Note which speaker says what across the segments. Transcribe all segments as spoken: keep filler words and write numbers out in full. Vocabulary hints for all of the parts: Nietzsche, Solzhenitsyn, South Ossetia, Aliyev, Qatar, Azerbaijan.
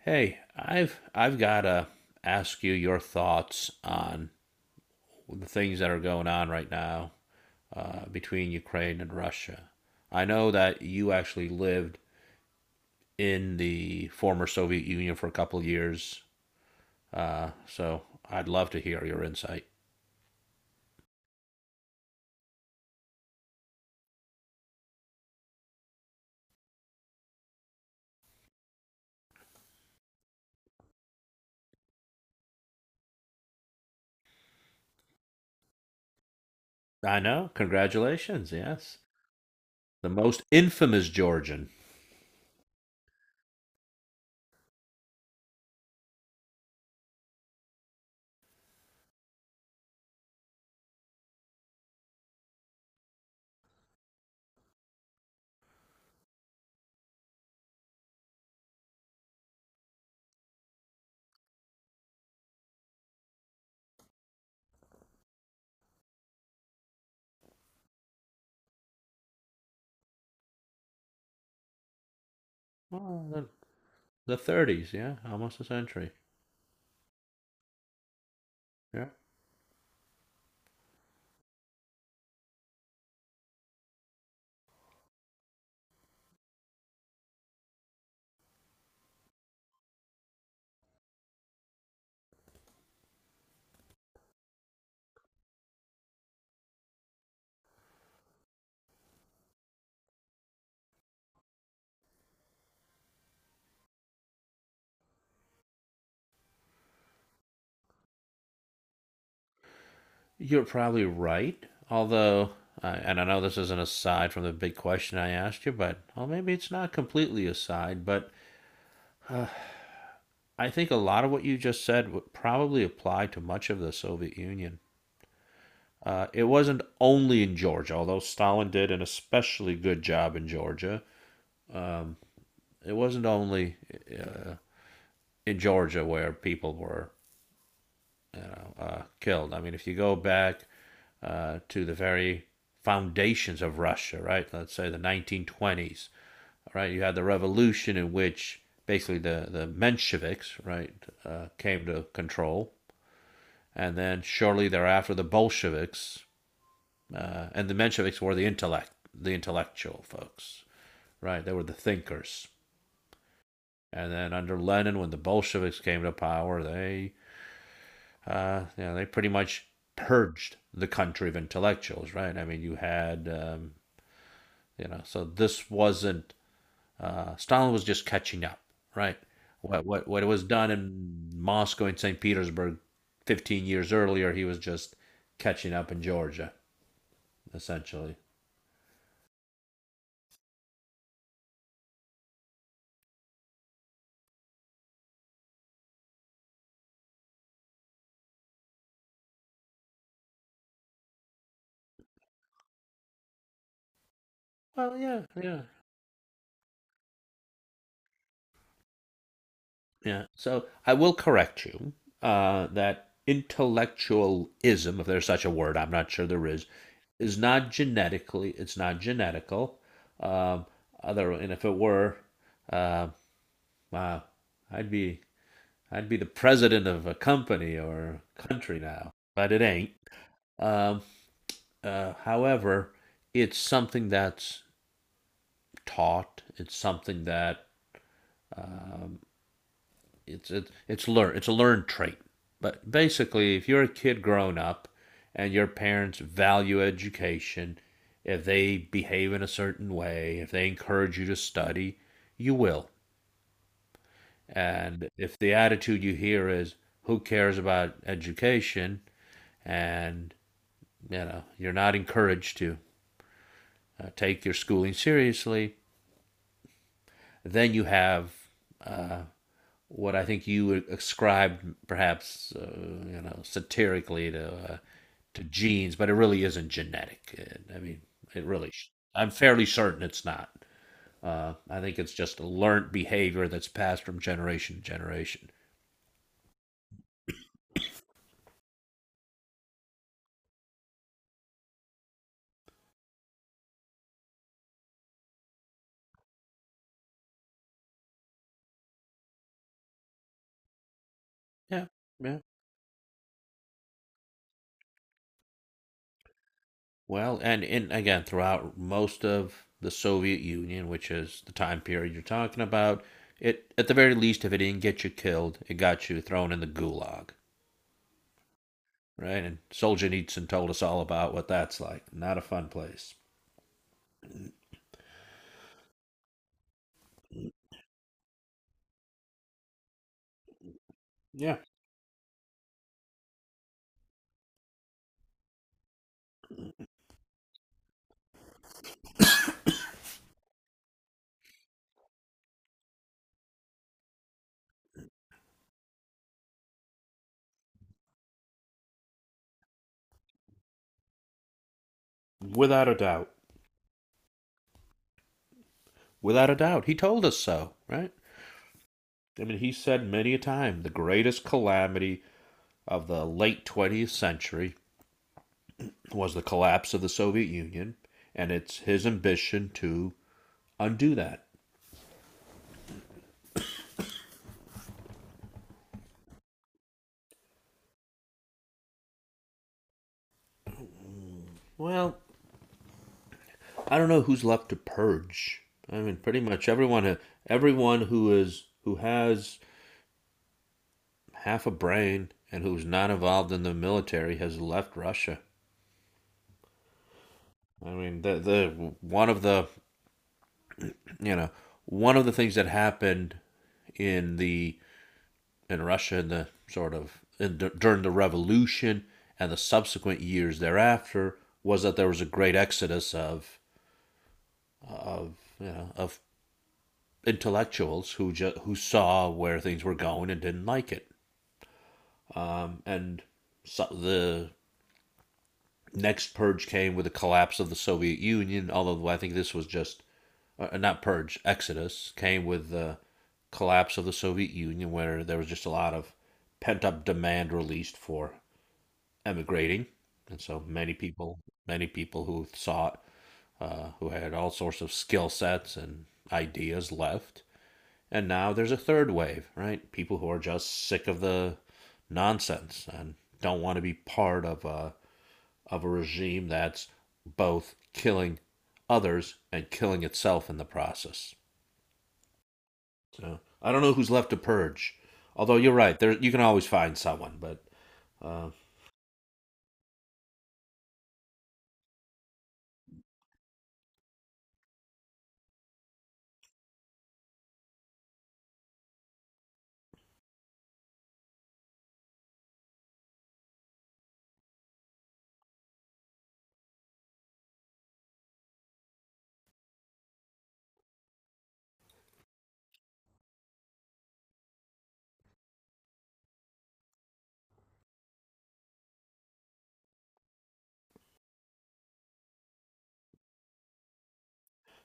Speaker 1: Hey, I've I've got to ask you your thoughts on the things that are going on right now uh, between Ukraine and Russia. I know that you actually lived in the former Soviet Union for a couple of years, uh, so I'd love to hear your insight. I know. Congratulations. Yes, the most infamous Georgian. Well, the, the thirties. Yeah, almost a century. Yeah. You're probably right. Although, uh, and I know this is not aside from the big question I asked you, but well, maybe it's not completely aside. But uh, I think a lot of what you just said would probably apply to much of the Soviet Union. Uh, it wasn't only in Georgia, although Stalin did an especially good job in Georgia. It wasn't only in Georgia where people were killed. I mean, if you go back uh, to the very foundations of Russia, right? Let's say the nineteen twenties, right? You had the revolution in which basically the, the Mensheviks, right, uh, came to control. And then shortly thereafter, the Bolsheviks, uh, and the Mensheviks were the intellect, the intellectual folks, right? They were the thinkers. And then under Lenin, when the Bolsheviks came to power, they uh, you know, they pretty much purged the country of intellectuals, right? I mean, you had, um, you know, so this wasn't, uh, Stalin was just catching up, right? What, what, what was done in Moscow and Saint Petersburg fifteen years earlier, he was just catching up in Georgia, essentially. Well, yeah, yeah. Yeah. So I will correct you uh, that intellectualism, if there's such a word, I'm not sure there is, is not genetically, it's not genetical. Um, other, and if it were, uh, wow, I'd be I'd be the president of a company or country now, but it ain't. Um, uh, however, it's something that's taught. It's something that it's it's it's learn it's a learned trait. But basically, if you're a kid growing up and your parents value education, if they behave in a certain way, if they encourage you to study, you will. And if the attitude you hear is who cares about education and you know, you're not encouraged to uh, take your schooling seriously, then you have uh, what I think you would ascribe perhaps uh, you know satirically to uh, to genes, but it really isn't genetic. It, I mean, it really. Sh- I'm fairly certain it's not. Uh, I think it's just a learned behavior that's passed from generation to generation. Yeah, yeah. Well, and in again throughout most of the Soviet Union, which is the time period you're talking about, it at the very least, if it didn't get you killed, it got you thrown in the gulag, right? And Solzhenitsyn Nietzsche told us all about what that's like. Not a fun place. Yeah, without a doubt. Without a doubt. He told us so, right? I mean, he said many a time the greatest calamity of the late twentieth century was the collapse of the Soviet Union, and it's his ambition to undo that. Well, I don't know who's left to purge. I mean, pretty much everyone, who- everyone who is who has half a brain and who's not involved in the military has left Russia. I mean, the the one of the you know one of the things that happened in the in Russia in the sort of in, during the revolution and the subsequent years thereafter was that there was a great exodus of you know of intellectuals who ju- who saw where things were going and didn't like it and so the next purge came with the collapse of the Soviet Union. Although I think this was just uh, not purge, Exodus came with the collapse of the Soviet Union, where there was just a lot of pent up demand released for emigrating, and so many people, many people who sought, uh, who had all sorts of skill sets and ideas left. And now there's a third wave, right? People who are just sick of the nonsense and don't want to be part of a of a regime that's both killing others and killing itself in the process. So I don't know who's left to purge. Although you're right, there you can always find someone. But uh,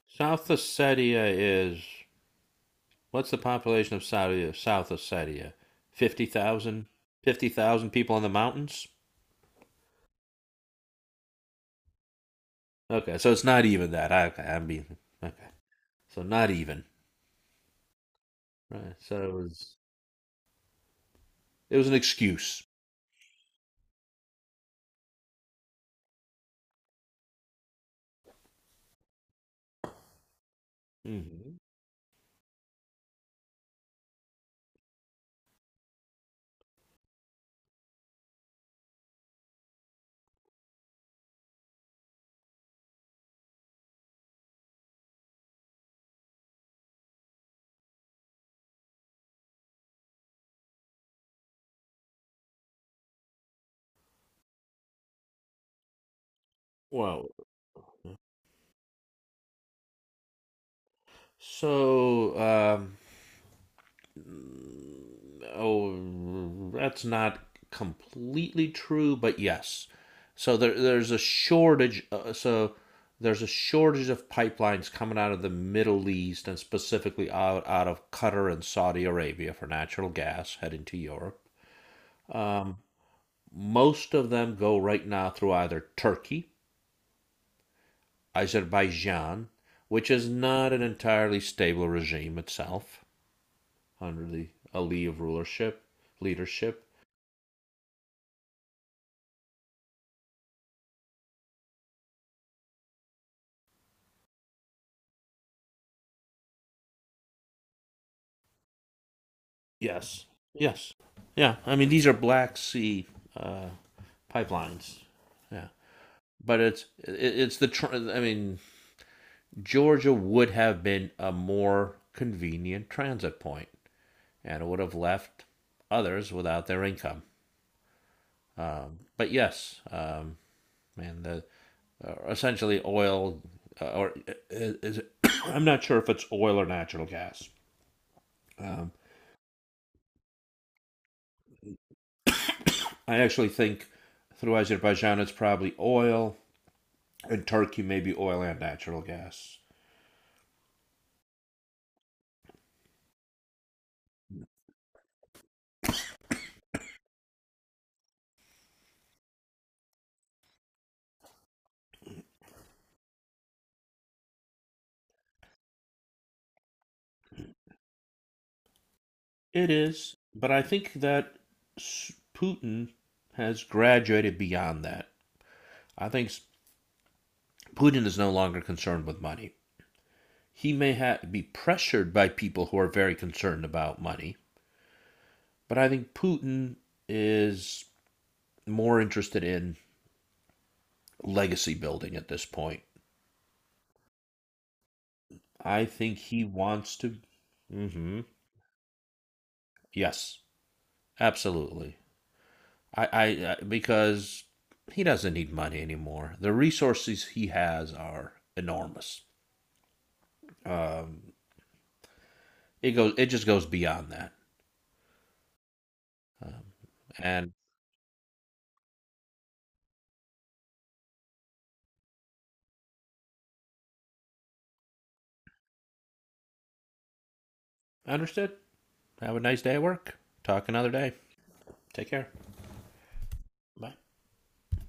Speaker 1: South Ossetia is what's the population of Saudi South Ossetia? fifty thousand? fifty thousand people in the mountains? Okay, so it's not even that. I, okay, I mean, okay, so not even. Right. So it was it was an excuse. Hmm. Well, so um, oh, that's not completely true, but yes. So there, there's a shortage. Uh, so there's a shortage of pipelines coming out of the Middle East and specifically out, out of Qatar and Saudi Arabia for natural gas heading to Europe. Most of them go right now through either Turkey, Azerbaijan, which is not an entirely stable regime itself under the Aliyev rulership, leadership, yes. Yes. Yeah. I mean, these are Black Sea uh, pipelines. Yeah. But it's it, it's the tr- I mean, Georgia would have been a more convenient transit point, and it would have left others without their income. Um, but yes, um, man, the uh, essentially oil uh, or i- is it, I'm not sure if it's oil or natural gas. Um, I actually think through Azerbaijan it's probably oil and Turkey may be oil and natural gas. It is, but I think that Putin has graduated beyond that. I think Putin is no longer concerned with money. He may ha- be pressured by people who are very concerned about money, but I think Putin is more interested in legacy building at this point. I think he wants to. Hmm. Yes, absolutely. I, I, I because he doesn't need money anymore. The resources he has are enormous. Um, it goes, it just goes beyond that. Um, and understood. Have a nice day at work. Talk another day. Take care. Bye.